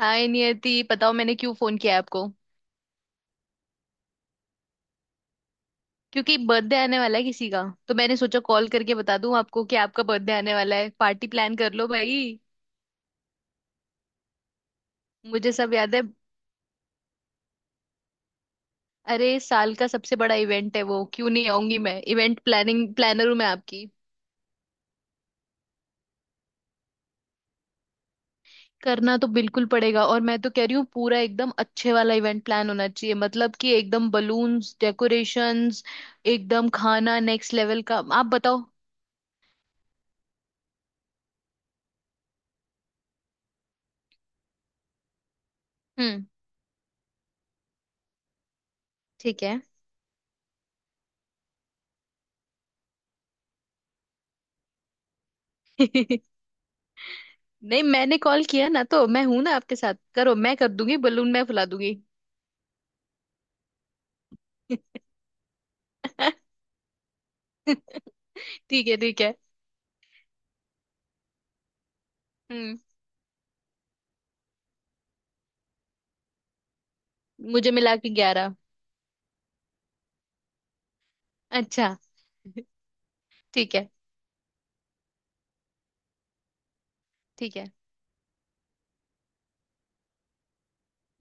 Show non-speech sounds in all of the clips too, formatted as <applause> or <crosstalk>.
हाय नियति, बताओ मैंने क्यों फोन किया है आपको। क्योंकि बर्थडे आने वाला है किसी का। तो मैंने सोचा कॉल करके बता दूं आपको कि आपका बर्थडे आने वाला है, पार्टी प्लान कर लो भाई। मुझे सब याद है। अरे, साल का सबसे बड़ा इवेंट है वो, क्यों नहीं आऊंगी मैं। इवेंट प्लानिंग प्लानर हूं मैं आपकी। करना तो बिल्कुल पड़ेगा, और मैं तो कह रही हूँ पूरा एकदम अच्छे वाला इवेंट प्लान होना चाहिए, मतलब कि एकदम बलून्स, डेकोरेशंस, एकदम खाना नेक्स्ट लेवल का। आप बताओ। हम्म। ठीक है। <laughs> नहीं, मैंने कॉल किया ना, तो मैं हूं ना आपके साथ, करो मैं कर दूंगी, बलून मैं फुला दूंगी। <laughs> ठीक है, ठीक है। हम्म। मुझे मिला के 11। अच्छा। ठीक है, ठीक है।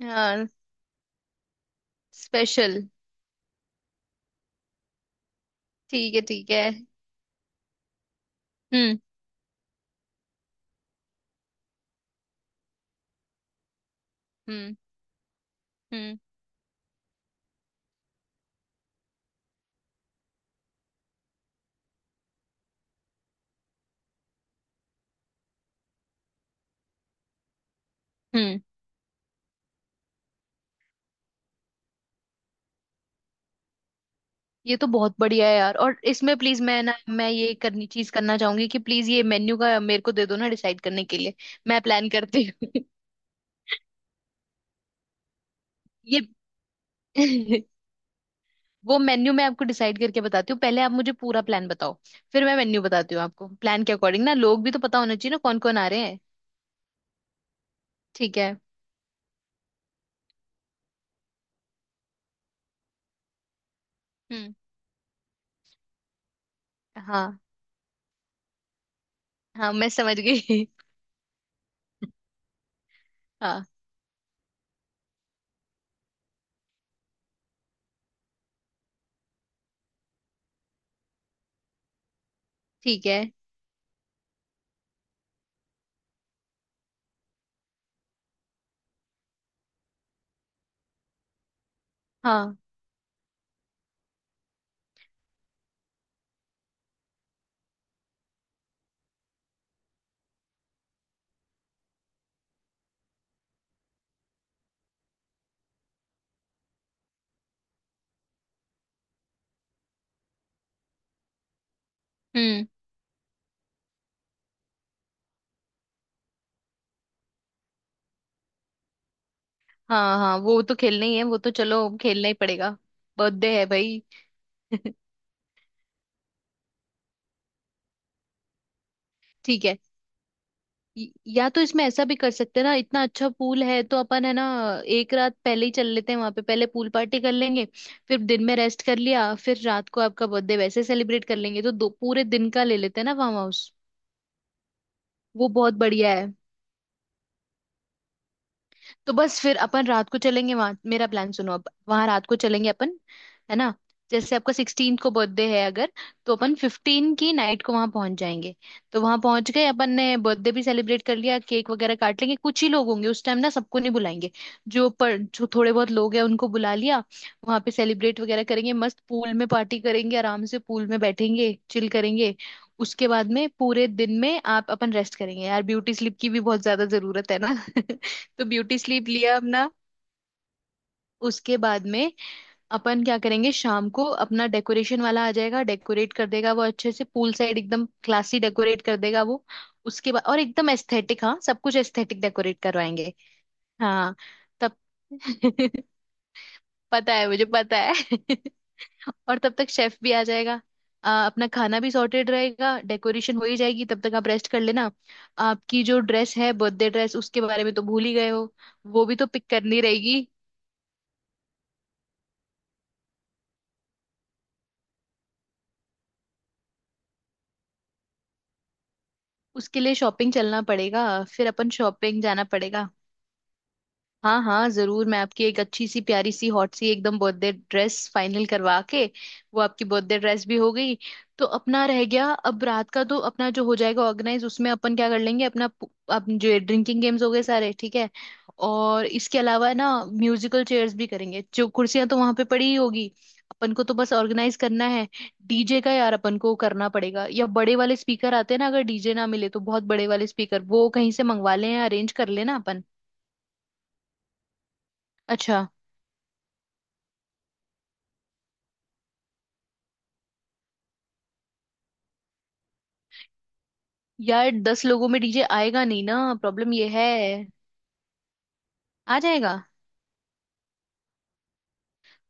हाँ। स्पेशल। ठीक है, ठीक है। हम्म। हम्म। हम्म। हम्म। ये तो बहुत बढ़िया है यार, और इसमें प्लीज मैं ना मैं ये करनी चीज करना चाहूंगी कि प्लीज ये मेन्यू का मेरे को दे दो ना डिसाइड करने के लिए। मैं प्लान करती हूँ। <laughs> ये। <laughs> वो मेन्यू मैं आपको डिसाइड करके बताती हूँ, पहले आप मुझे पूरा प्लान बताओ। फिर मैं मेन्यू बताती हूँ आपको प्लान के अकॉर्डिंग। ना लोग भी तो पता होना चाहिए ना कौन कौन आ रहे हैं। ठीक है। हम्म। हाँ। हाँ, मैं समझ गई। <laughs> हाँ। ठीक है। हाँ। हम्म। हाँ हाँ, वो तो खेलना ही है, वो तो चलो खेलना ही पड़ेगा। बर्थडे है भाई। <laughs> ठीक है। या तो इसमें ऐसा भी कर सकते हैं ना, इतना अच्छा पूल है तो अपन, है ना, एक रात पहले ही चल लेते हैं वहां पे, पहले पूल पार्टी कर लेंगे। फिर दिन में रेस्ट कर लिया, फिर रात को आपका बर्थडे वैसे सेलिब्रेट कर लेंगे। तो दो पूरे दिन का ले लेते हैं ना फार्म हाउस। वो बहुत बढ़िया है। तो बस फिर अपन रात को चलेंगे वहां, मेरा प्लान सुनो, अब वहां रात को चलेंगे अपन, है ना। जैसे आपका 16 को बर्थडे है अगर, तो अपन 15 की नाइट को वहां पहुंच जाएंगे। तो वहां पहुंच गए अपन ने, बर्थडे भी सेलिब्रेट कर लिया, केक वगैरह काट लेंगे। कुछ ही लोग होंगे उस टाइम ना, सबको नहीं बुलाएंगे। जो पर जो थोड़े बहुत लोग हैं उनको बुला लिया, वहां पे सेलिब्रेट वगैरह करेंगे, मस्त पूल में पार्टी करेंगे, आराम से पूल में बैठेंगे, चिल करेंगे। उसके बाद में पूरे दिन में आप अपन रेस्ट करेंगे, यार ब्यूटी स्लिप की भी बहुत ज्यादा जरूरत है ना। <laughs> तो ब्यूटी स्लीप लिया अपना। उसके बाद में अपन क्या करेंगे शाम को, अपना डेकोरेशन वाला आ जाएगा, डेकोरेट कर देगा वो अच्छे से, पूल साइड एकदम क्लासी डेकोरेट कर देगा वो। उसके बाद, और एकदम एस्थेटिक, हाँ सब कुछ एस्थेटिक डेकोरेट करवाएंगे। हाँ। तब। <laughs> पता है, मुझे पता है। <laughs> और तब तक शेफ भी आ जाएगा। अपना खाना भी सॉर्टेड रहेगा, डेकोरेशन हो ही जाएगी तब तक, आप रेस्ट कर लेना। आपकी जो ड्रेस है, बर्थडे ड्रेस, उसके बारे में तो भूल ही गए हो। वो भी तो पिक करनी रहेगी। उसके लिए शॉपिंग चलना पड़ेगा। फिर अपन शॉपिंग जाना पड़ेगा। हाँ हाँ जरूर, मैं आपकी एक अच्छी सी प्यारी सी हॉट सी एकदम बर्थडे ड्रेस फाइनल करवा के, वो आपकी बर्थडे ड्रेस भी हो गई। तो अपना रह गया अब रात का, तो अपना जो हो जाएगा ऑर्गेनाइज, उसमें अपन क्या कर लेंगे, अपना अपन जो ड्रिंकिंग गेम्स हो गए सारे, ठीक है। और इसके अलावा ना, म्यूजिकल चेयर्स भी करेंगे, जो कुर्सियां तो वहां पे पड़ी ही होगी, अपन को तो बस ऑर्गेनाइज करना है। डीजे का यार अपन को करना पड़ेगा, या बड़े वाले स्पीकर आते हैं ना, अगर डीजे ना मिले तो बहुत बड़े वाले स्पीकर वो कहीं से मंगवा लें या अरेंज कर लेना अपन। अच्छा। यार, 10 लोगों में डीजे आएगा नहीं ना, प्रॉब्लम ये है। आ जाएगा।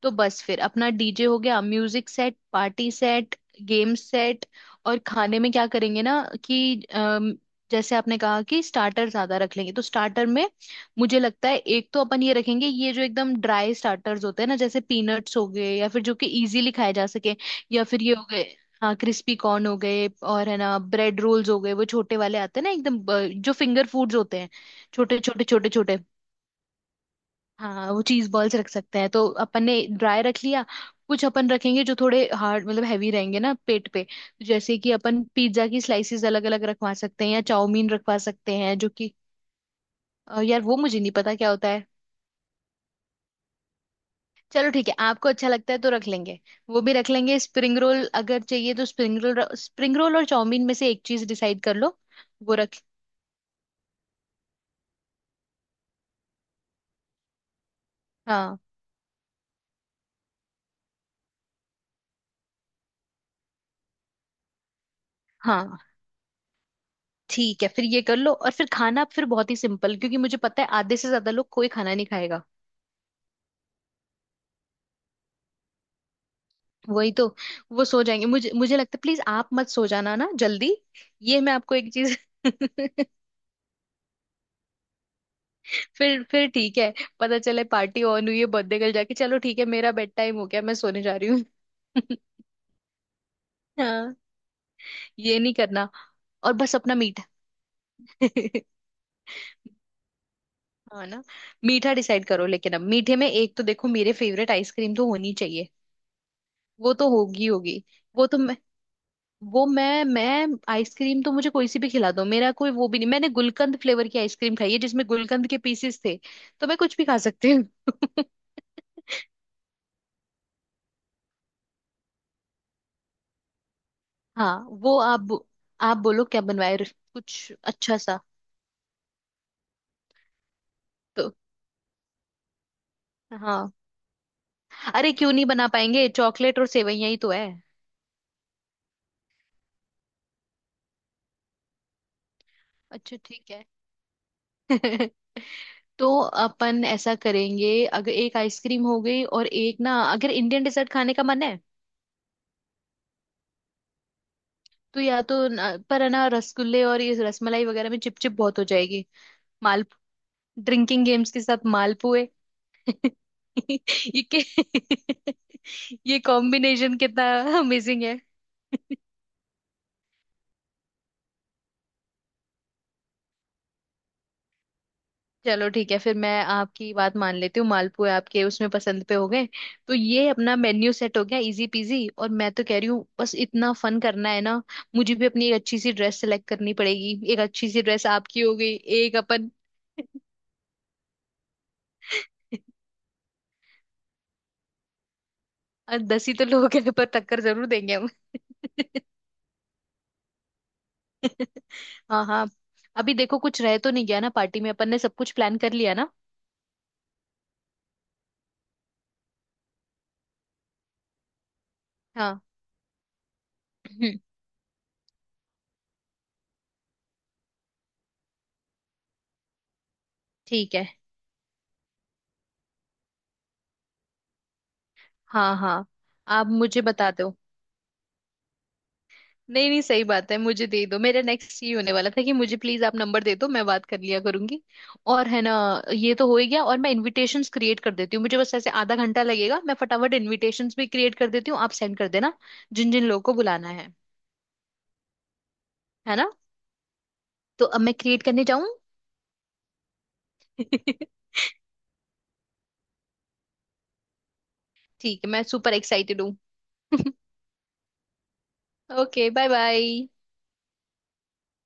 तो बस फिर अपना डीजे हो गया, music set, party set, game set. और खाने में क्या करेंगे ना कि, जैसे आपने कहा कि स्टार्टर ज्यादा रख लेंगे, तो स्टार्टर में मुझे लगता है एक तो अपन ये रखेंगे, ये जो एकदम ड्राई स्टार्टर्स होते हैं ना, जैसे पीनट्स हो गए, या फिर जो कि इजीली खाए जा सके, या फिर ये हो गए, हाँ क्रिस्पी कॉर्न हो गए, और है ना ब्रेड रोल्स हो गए, वो छोटे वाले आते हैं ना एकदम, जो फिंगर फूड्स होते हैं, छोटे छोटे छोटे छोटे। हाँ, वो चीज बॉल्स रख सकते हैं, तो अपन ने ड्राई रख लिया। कुछ अपन रखेंगे जो थोड़े हार्ड, मतलब हैवी रहेंगे ना पेट पे, जैसे कि अपन पिज्जा की स्लाइसेस अलग अलग रखवा सकते हैं, या चाउमीन रखवा सकते हैं जो कि, यार वो मुझे नहीं पता क्या होता है। चलो ठीक है, आपको अच्छा लगता है तो रख लेंगे। वो भी रख लेंगे, स्प्रिंग रोल अगर चाहिए तो स्प्रिंग रोल, स्प्रिंग रोल और चाउमीन में से एक चीज डिसाइड कर लो। वो रख। हाँ हाँ। ठीक है, फिर ये कर लो, और फिर खाना फिर बहुत ही सिंपल, क्योंकि मुझे पता है आधे से ज्यादा लोग कोई खाना नहीं खाएगा। वही तो। वो सो जाएंगे, मुझे मुझे लगता है, प्लीज आप मत सो जाना ना जल्दी। ये मैं आपको एक चीज। <laughs> फिर ठीक है। पता चले पार्टी ऑन हुई है, बर्थडे कल जाके, चलो ठीक है मेरा बेड टाइम हो गया मैं सोने जा रही हूँ। <laughs> हाँ। ये नहीं करना। और बस अपना मीठा। <laughs> हाँ ना। मीठा डिसाइड करो, लेकिन अब मीठे में एक तो देखो मेरे फेवरेट आइसक्रीम तो होनी चाहिए। वो तो होगी, होगी। वो तो, वो मैं आइसक्रीम तो मुझे कोई सी भी खिला दो, मेरा कोई वो भी नहीं, मैंने गुलकंद फ्लेवर की आइसक्रीम खाई है जिसमें गुलकंद के पीसेस थे। तो मैं कुछ भी खा सकती हूँ। <laughs> हाँ। वो आप बोलो क्या बनवाए। कुछ अच्छा सा। तो हाँ, अरे क्यों नहीं बना पाएंगे, चॉकलेट और सेवैया ही तो है। अच्छा ठीक है। <laughs> तो अपन ऐसा करेंगे, अगर एक आइसक्रीम हो गई और एक ना, अगर इंडियन डेजर्ट खाने का मन है, तो या तो न-, पर है ना, रसगुल्ले और ये रसमलाई वगैरह में चिपचिप बहुत हो जाएगी। ड्रिंकिंग गेम्स के साथ मालपुए? <laughs> ये के-। <laughs> ये कॉम्बिनेशन कितना अमेजिंग है। <laughs> चलो ठीक है, फिर मैं आपकी बात मान लेती हूँ, मालपुए आपके उसमें पसंद पे हो गए। तो ये अपना मेन्यू सेट हो गया, इजी पीजी, और मैं तो कह रही हूँ बस इतना फन करना है ना। मुझे भी अपनी एक अच्छी सी ड्रेस सेलेक्ट करनी पड़ेगी, एक अच्छी सी ड्रेस आपकी हो गई, एक अपन। <laughs> और 10 ही तो लोग हैं पर टक्कर जरूर देंगे हम। <laughs> <laughs> हाँ हाँ। अभी देखो कुछ रह तो नहीं गया ना पार्टी में, अपन ने सब कुछ प्लान कर लिया ना। हाँ। हम्म। ठीक है। हाँ हाँ। आप मुझे बता दो। नहीं नहीं, सही बात है, मुझे दे दो, मेरा नेक्स्ट ये होने वाला था कि मुझे प्लीज आप नंबर दे दो, मैं बात कर लिया करूंगी। और है ना, ये तो हो ही गया। और मैं इनविटेशंस क्रिएट कर देती हूँ, मुझे बस ऐसे आधा घंटा लगेगा, मैं फटाफट इनविटेशंस भी क्रिएट कर देती हूँ, आप सेंड कर देना जिन जिन लोगों को बुलाना है। है ना। तो अब मैं क्रिएट करने जाऊं। <laughs> ठीक है, मैं सुपर एक्साइटेड हूँ। <laughs> Okay, bye bye.